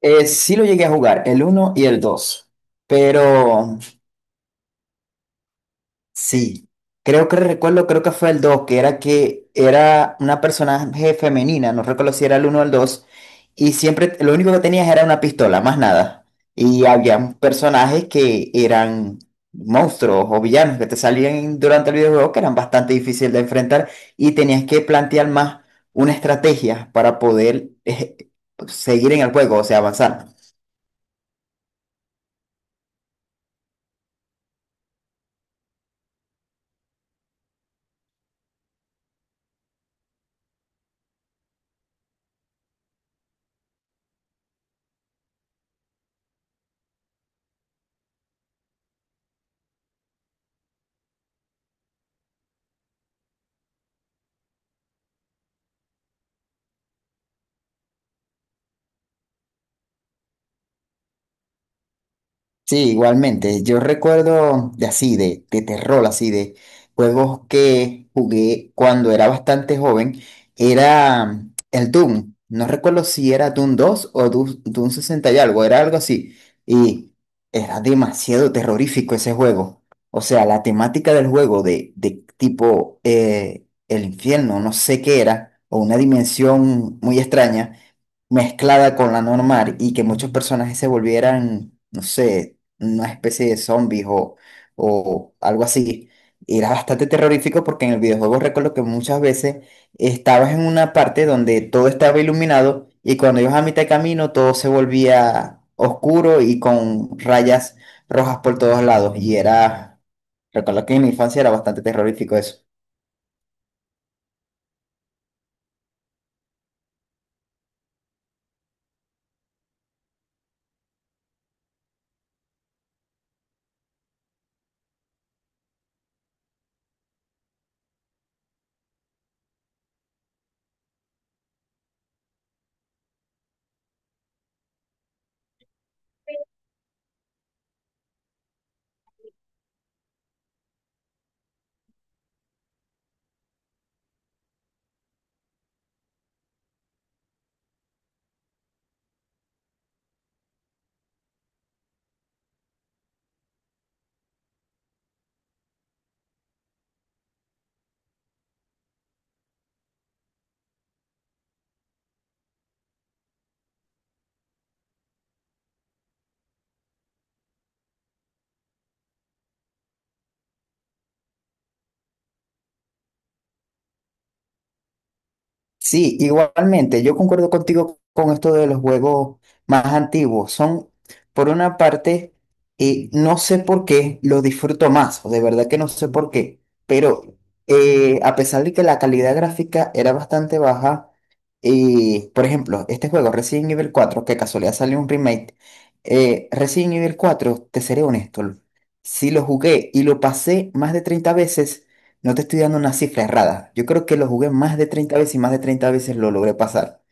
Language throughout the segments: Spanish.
Sí lo llegué a jugar, el uno y el 2, pero sí, creo que recuerdo, creo que fue el 2, que era una personaje femenina, no recuerdo si era el uno o el 2, y siempre lo único que tenías era una pistola, más nada. Y había personajes que eran monstruos o villanos que te salían durante el videojuego que eran bastante difíciles de enfrentar y tenías que plantear más una estrategia para poder seguir en el juego, o sea, avanzar. Sí, igualmente. Yo recuerdo de así, de terror, así, de juegos que jugué cuando era bastante joven. Era el Doom. No recuerdo si era Doom dos o Doom 60 y algo, era algo así. Y era demasiado terrorífico ese juego. O sea, la temática del juego de tipo el infierno, no sé qué era, o una dimensión muy extraña mezclada con la normal y que muchos personajes se volvieran, no sé, una especie de zombies o algo así. Y era bastante terrorífico porque en el videojuego recuerdo que muchas veces estabas en una parte donde todo estaba iluminado y cuando ibas a mitad de camino todo se volvía oscuro y con rayas rojas por todos lados. Y era, recuerdo que en mi infancia era bastante terrorífico eso. Sí, igualmente, yo concuerdo contigo con esto de los juegos más antiguos. Son, por una parte, no sé por qué los disfruto más, o de verdad que no sé por qué, pero a pesar de que la calidad gráfica era bastante baja, por ejemplo, este juego Resident Evil cuatro, que casualidad salió un remake, Resident Evil cuatro, te seré honesto, si lo jugué y lo pasé más de 30 veces, no te estoy dando una cifra errada. Yo creo que lo jugué más de 30 veces y más de 30 veces lo logré pasar.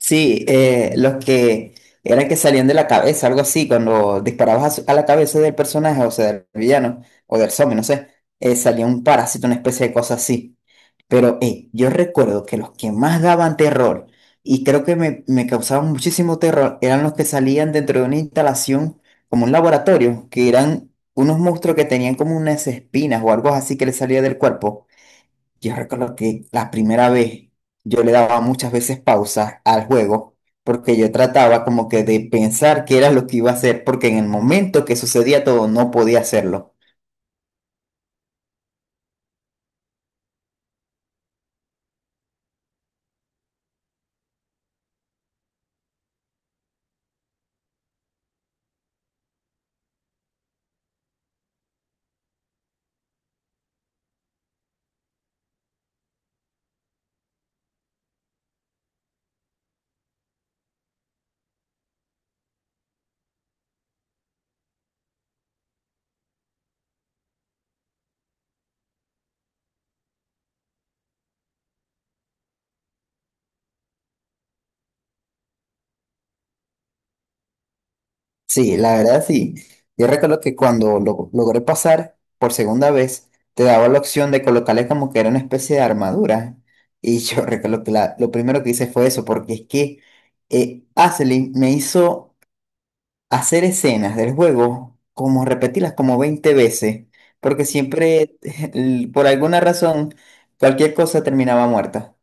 Sí, los que eran que salían de la cabeza, algo así, cuando disparabas a, su- a la cabeza del personaje, o sea, del villano, o del zombie, no sé, salía un parásito, una especie de cosa así. Pero yo recuerdo que los que más daban terror, y creo que me causaban muchísimo terror, eran los que salían dentro de una instalación, como un laboratorio, que eran unos monstruos que tenían como unas espinas o algo así que les salía del cuerpo. Yo recuerdo que la primera vez yo le daba muchas veces pausa al juego porque yo trataba como que de pensar qué era lo que iba a hacer porque en el momento que sucedía todo no podía hacerlo. Sí, la verdad sí. Yo recuerdo que cuando lo logré pasar por segunda vez, te daba la opción de colocarle como que era una especie de armadura. Y yo recuerdo que la- lo primero que hice fue eso porque es que Aselin me hizo hacer escenas del juego, como repetirlas como 20 veces, porque siempre, el- por alguna razón, cualquier cosa terminaba muerta.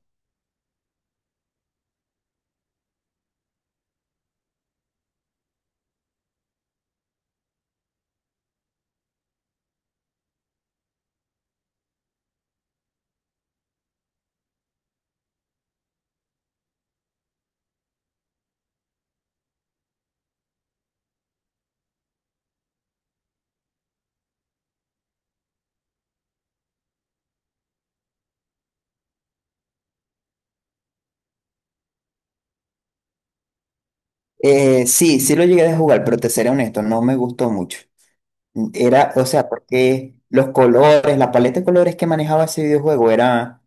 Sí, lo llegué a jugar, pero te seré honesto, no me gustó mucho. Era, o sea, porque los colores, la paleta de colores que manejaba ese videojuego era,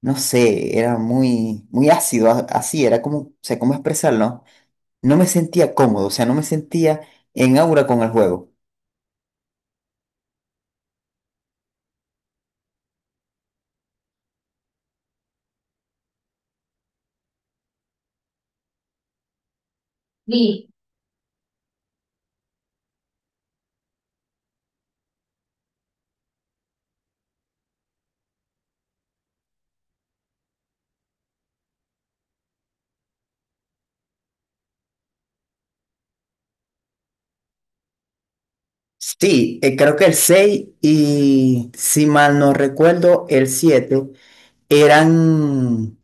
no sé, era muy, muy ácido, a- así, era como, o sea, cómo expresarlo. No me sentía cómodo, o sea, no me sentía en aura con el juego. Sí, creo que el 6 y si mal no recuerdo, el 7 eran,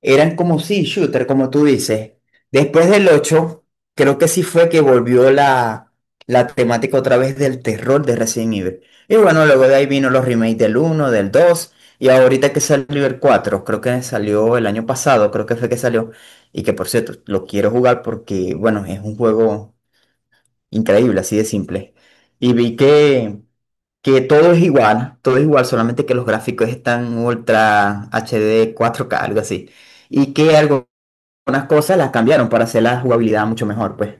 eran como sí, shooter, como tú dices. Después del 8 creo que sí fue que volvió la temática otra vez del terror de Resident Evil. Y bueno, luego de ahí vino los remakes del uno, del 2 y ahorita que salió el 4 creo que salió el año pasado, creo que fue que salió. Y que por cierto, lo quiero jugar porque, bueno, es un juego increíble, así de simple. Y vi que todo es igual, solamente que los gráficos están ultra HD 4K, algo así. Y que algo- algunas cosas las cambiaron para hacer la jugabilidad mucho mejor, pues.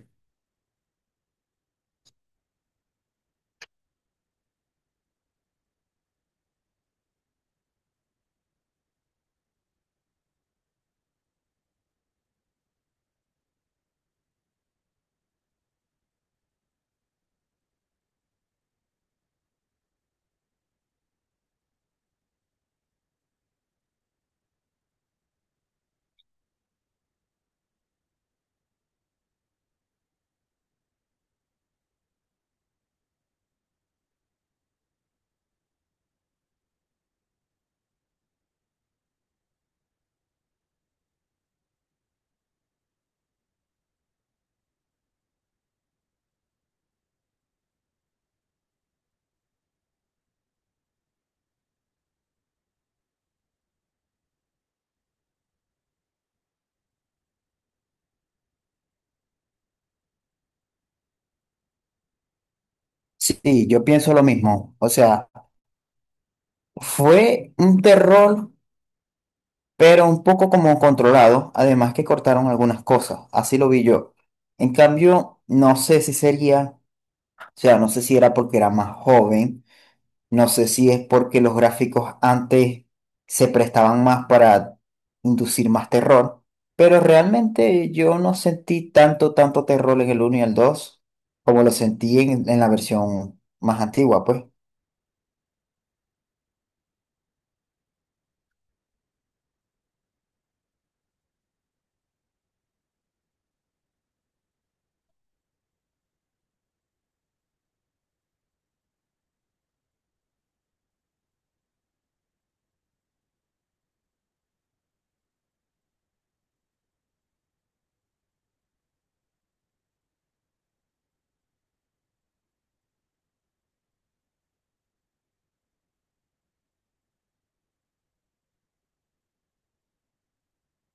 Sí, yo pienso lo mismo. O sea, fue un terror, pero un poco como controlado. Además que cortaron algunas cosas. Así lo vi yo. En cambio, no sé si sería, o sea, no sé si era porque era más joven. No sé si es porque los gráficos antes se prestaban más para inducir más terror, pero realmente yo no sentí tanto, tanto terror en el uno y el 2 como lo sentí en la versión más antigua, pues.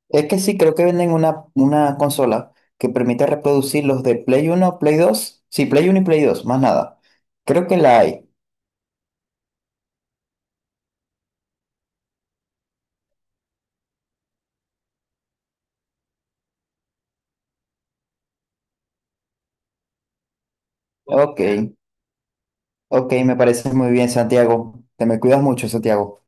Es que sí, creo que venden una consola que permite reproducir los de Play uno Play 2 sí, Play uno y Play 2 más nada. Creo que la hay. Ok, ok, me parece muy bien, Santiago. Te me cuidas mucho, Santiago.